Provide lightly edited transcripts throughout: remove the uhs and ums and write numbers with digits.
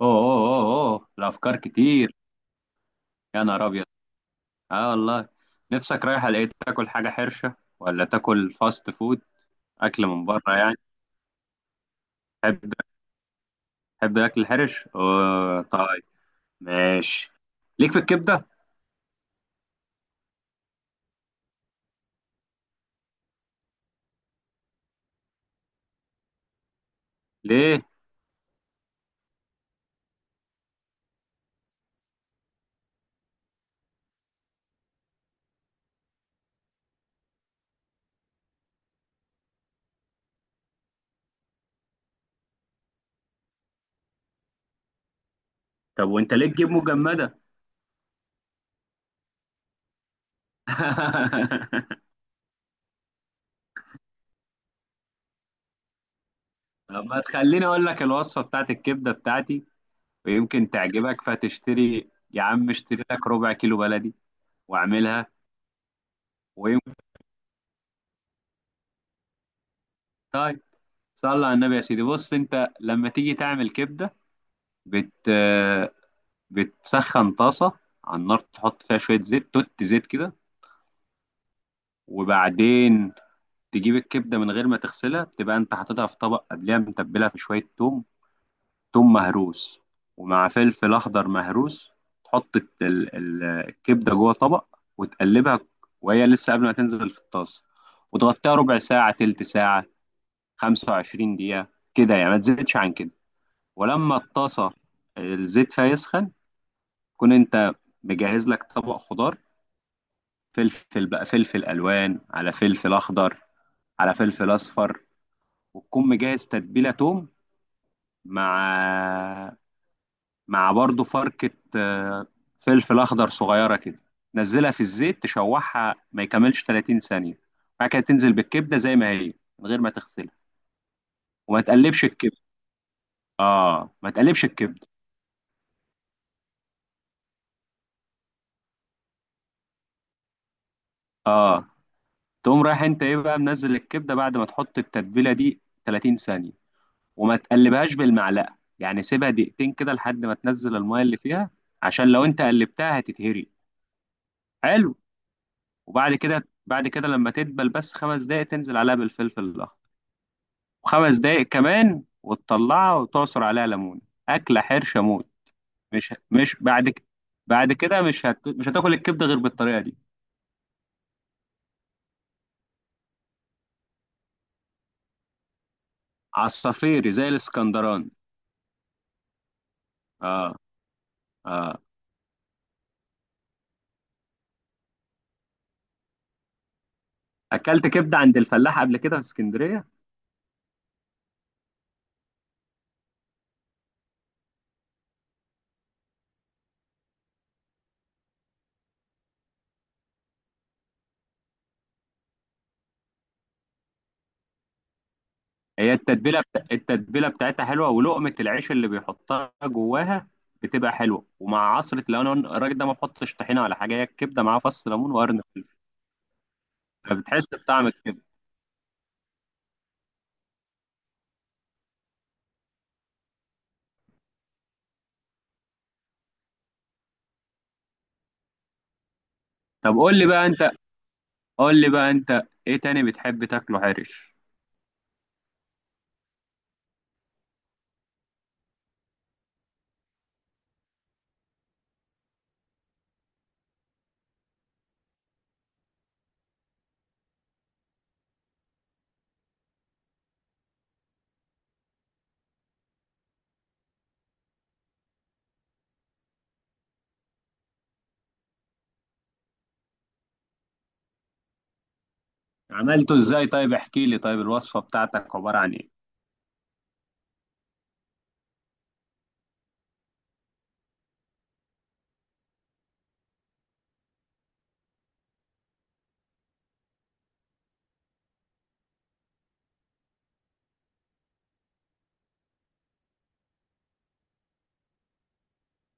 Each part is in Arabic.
اوه، اوه، اوه، اوه، الافكار كتير. يا نهار ابيض! اه والله. نفسك رايحه لقيت تاكل حاجه حرشه ولا تاكل فاست فود؟ اكل من بره يعني؟ تحب تحب الاكل الحرش؟ اوه طيب، ماشي. ليك في الكبده؟ ليه؟ طب وانت ليه تجيب مجمده؟ طب ما تخليني اقول لك الوصفه بتاعت الكبده بتاعتي، ويمكن تعجبك فتشتري. يا عم اشتري لك ربع كيلو بلدي واعملها. ويمكن طيب، صلى على النبي يا سيدي. بص انت لما تيجي تعمل كبده، بت بتسخن طاسة على النار، تحط فيها شوية زيت، توت زيت كده، وبعدين تجيب الكبدة من غير ما تغسلها. بتبقى انت حاططها في طبق قبلها، متبلها في شوية توم، توم مهروس، ومع فلفل أخضر مهروس. تحط الكبدة جوه طبق وتقلبها وهي لسه قبل ما تنزل في الطاسة، وتغطيها ربع ساعة، تلت ساعة، 25 دقيقة كده يعني، ما تزيدش عن كده. ولما الطاسة الزيت فيها يسخن، كون انت مجهز لك طبق خضار، فلفل بقى، فلفل الوان، على فلفل اخضر، على فلفل اصفر، وتكون مجهز تتبيله توم مع مع برضه فركه، فلفل اخضر صغيره كده. نزلها في الزيت تشوحها ما يكملش 30 ثانيه، بعد كده تنزل بالكبده زي ما هي من غير ما تغسلها، وما تقلبش الكبده. اه، ما تقلبش الكبده. اه، تقوم رايح انت ايه بقى منزل الكبده بعد ما تحط التتبيله دي 30 ثانيه، وما تقلبهاش بالمعلقه، يعني سيبها دقيقتين كده لحد ما تنزل الميه اللي فيها، عشان لو انت قلبتها هتتهري. حلو، وبعد كده بعد كده لما تدبل بس خمس دقايق، تنزل عليها بالفلفل الاخضر وخمس دقايق كمان وتطلعها وتعصر عليها ليمون. اكله حرشه موت. مش مش بعد ك- بعد كده مش هتاكل الكبده غير بالطريقه دي. عصافيري زي الاسكندراني. اه، اه، اكلت كبده عند الفلاح قبل كده في اسكندريه. هي التتبيله بتاعتها حلوه، ولقمه العيش اللي بيحطها جواها بتبقى حلوه، ومع عصره. لو انا الراجل ده ما بحطش طحينه ولا حاجه، هي الكبده معاها فص ليمون وقرن فلفل، فبتحس بطعم الكبده. طب قول لي بقى انت، ايه تاني بتحب تاكله حرش؟ عملته ازاي؟ طيب احكي لي، طيب الوصفه بتاعتك عباره عن ايه؟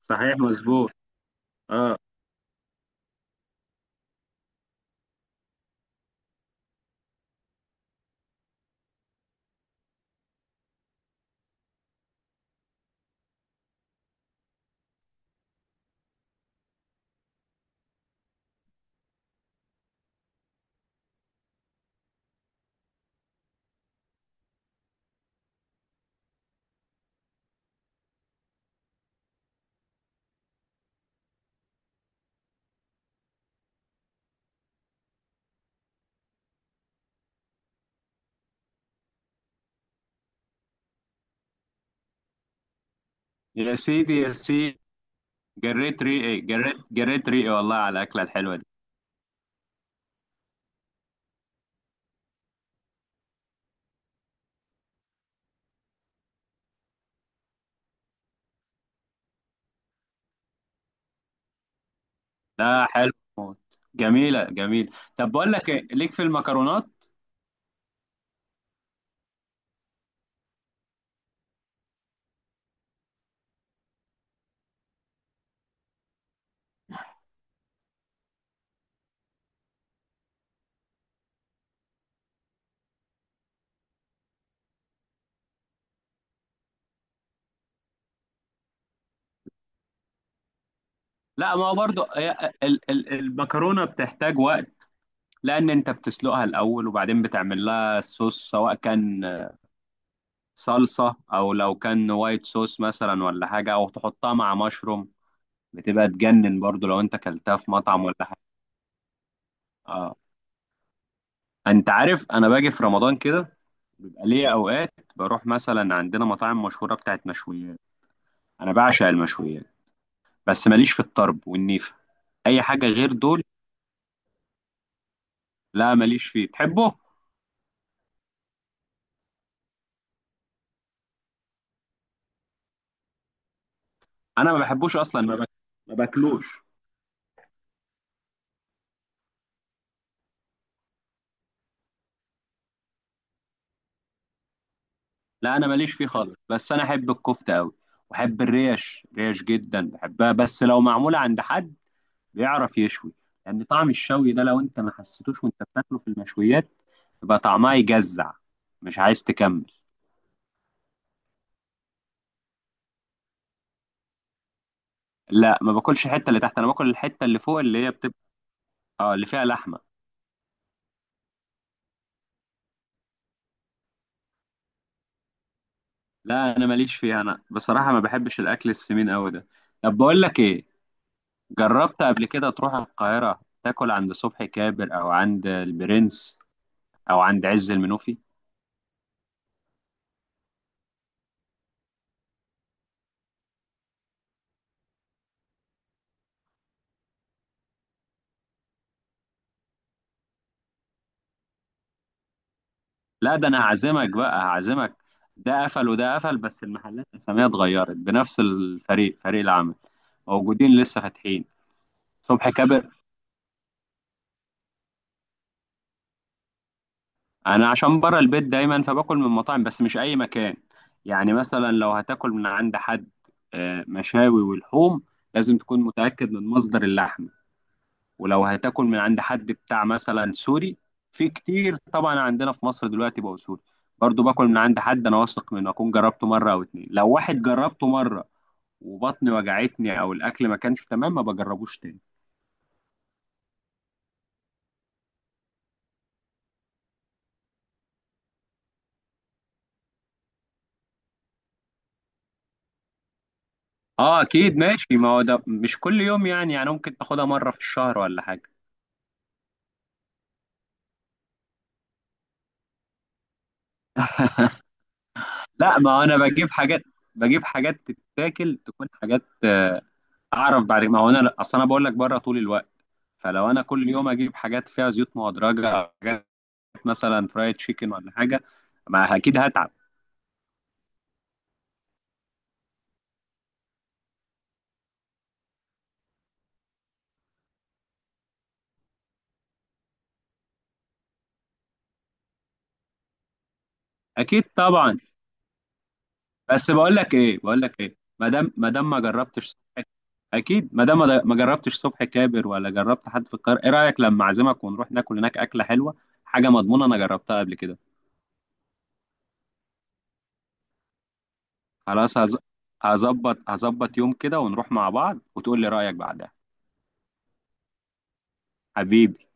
صحيح، مظبوط. اه يا سيدي، يا سيدي، جريت ريقي والله على الاكله الحلوه دي. لا، حلو موت. جميله، جميله. طب بقول لك ايه، ليك في المكرونات؟ لا، ما هو برضو المكرونة بتحتاج وقت، لأن أنت بتسلقها الأول وبعدين بتعمل لها صوص، سواء كان صلصة أو لو كان وايت صوص مثلا ولا حاجة، أو تحطها مع مشروم. بتبقى تجنن برضو لو أنت كلتها في مطعم ولا حاجة. آه. أنت عارف أنا باجي في رمضان كده، بيبقى ليا أوقات بروح مثلا عندنا مطاعم مشهورة بتاعت مشويات. أنا بعشق المشويات، بس ماليش في الطرب والنيفة، أي حاجة غير دول. لا ماليش فيه، تحبه؟ انا ما بحبوش اصلا، ما باكلوش. لا، انا ماليش فيه خالص، بس انا احب الكفته قوي، واحب الريش، ريش جدا بحبها، بس لو معموله عند حد بيعرف يشوي، لان يعني طعم الشوي ده لو انت ما حسيتوش وانت بتاكله في المشويات، يبقى طعمها يجزع، مش عايز تكمل. لا ما باكلش الحته اللي تحت، انا باكل الحته اللي فوق، اللي هي بتبقى، اه اللي فيها لحمه. لا انا ماليش فيها، انا بصراحه ما بحبش الاكل السمين قوي ده. طب بقول لك ايه، جربت قبل كده تروح القاهرة تاكل عند صبحي كابر، أو عند البرنس، أو عند عز المنوفي؟ لا، ده أنا هعزمك بقى، هعزمك. ده قفل وده قفل، بس المحلات أساميها اتغيرت، بنفس الفريق، فريق العمل موجودين لسه فاتحين. صبحي كابر. أنا عشان بره البيت دايما فباكل من مطاعم، بس مش أي مكان. يعني مثلا لو هتاكل من عند حد، مشاوي ولحوم، لازم تكون متأكد من مصدر اللحم. ولو هتاكل من عند حد بتاع مثلا سوري، في كتير طبعا عندنا في مصر دلوقتي بقوا سوري، برضو باكل من عند حد انا واثق منه، اكون جربته مره او اتنين. لو واحد جربته مره وبطني وجعتني، او الاكل ما كانش تمام، ما بجربوش تاني. اه اكيد، ماشي. ما هو ده مش كل يوم يعني، يعني ممكن تاخدها مره في الشهر ولا حاجه. لا، ما انا بجيب حاجات، بجيب حاجات تتاكل، تكون حاجات اعرف، بعد ما هو انا اصل انا بقول لك بره طول الوقت، فلو انا كل يوم اجيب حاجات فيها زيوت مهدرجه، مثلا فرايد تشيكن ولا حاجه، ما اكيد هتعب. اكيد طبعا. بس بقول لك ايه، ما دام ما جربتش، اكيد ما دام ما جربتش صبحي كابر، ولا جربت حد في القاهره، ايه رايك لما اعزمك ونروح ناكل هناك اكله حلوه، حاجه مضمونه، انا جربتها قبل كده. خلاص، هظبط، يوم كده ونروح مع بعض وتقول لي رايك بعدها. حبيبي.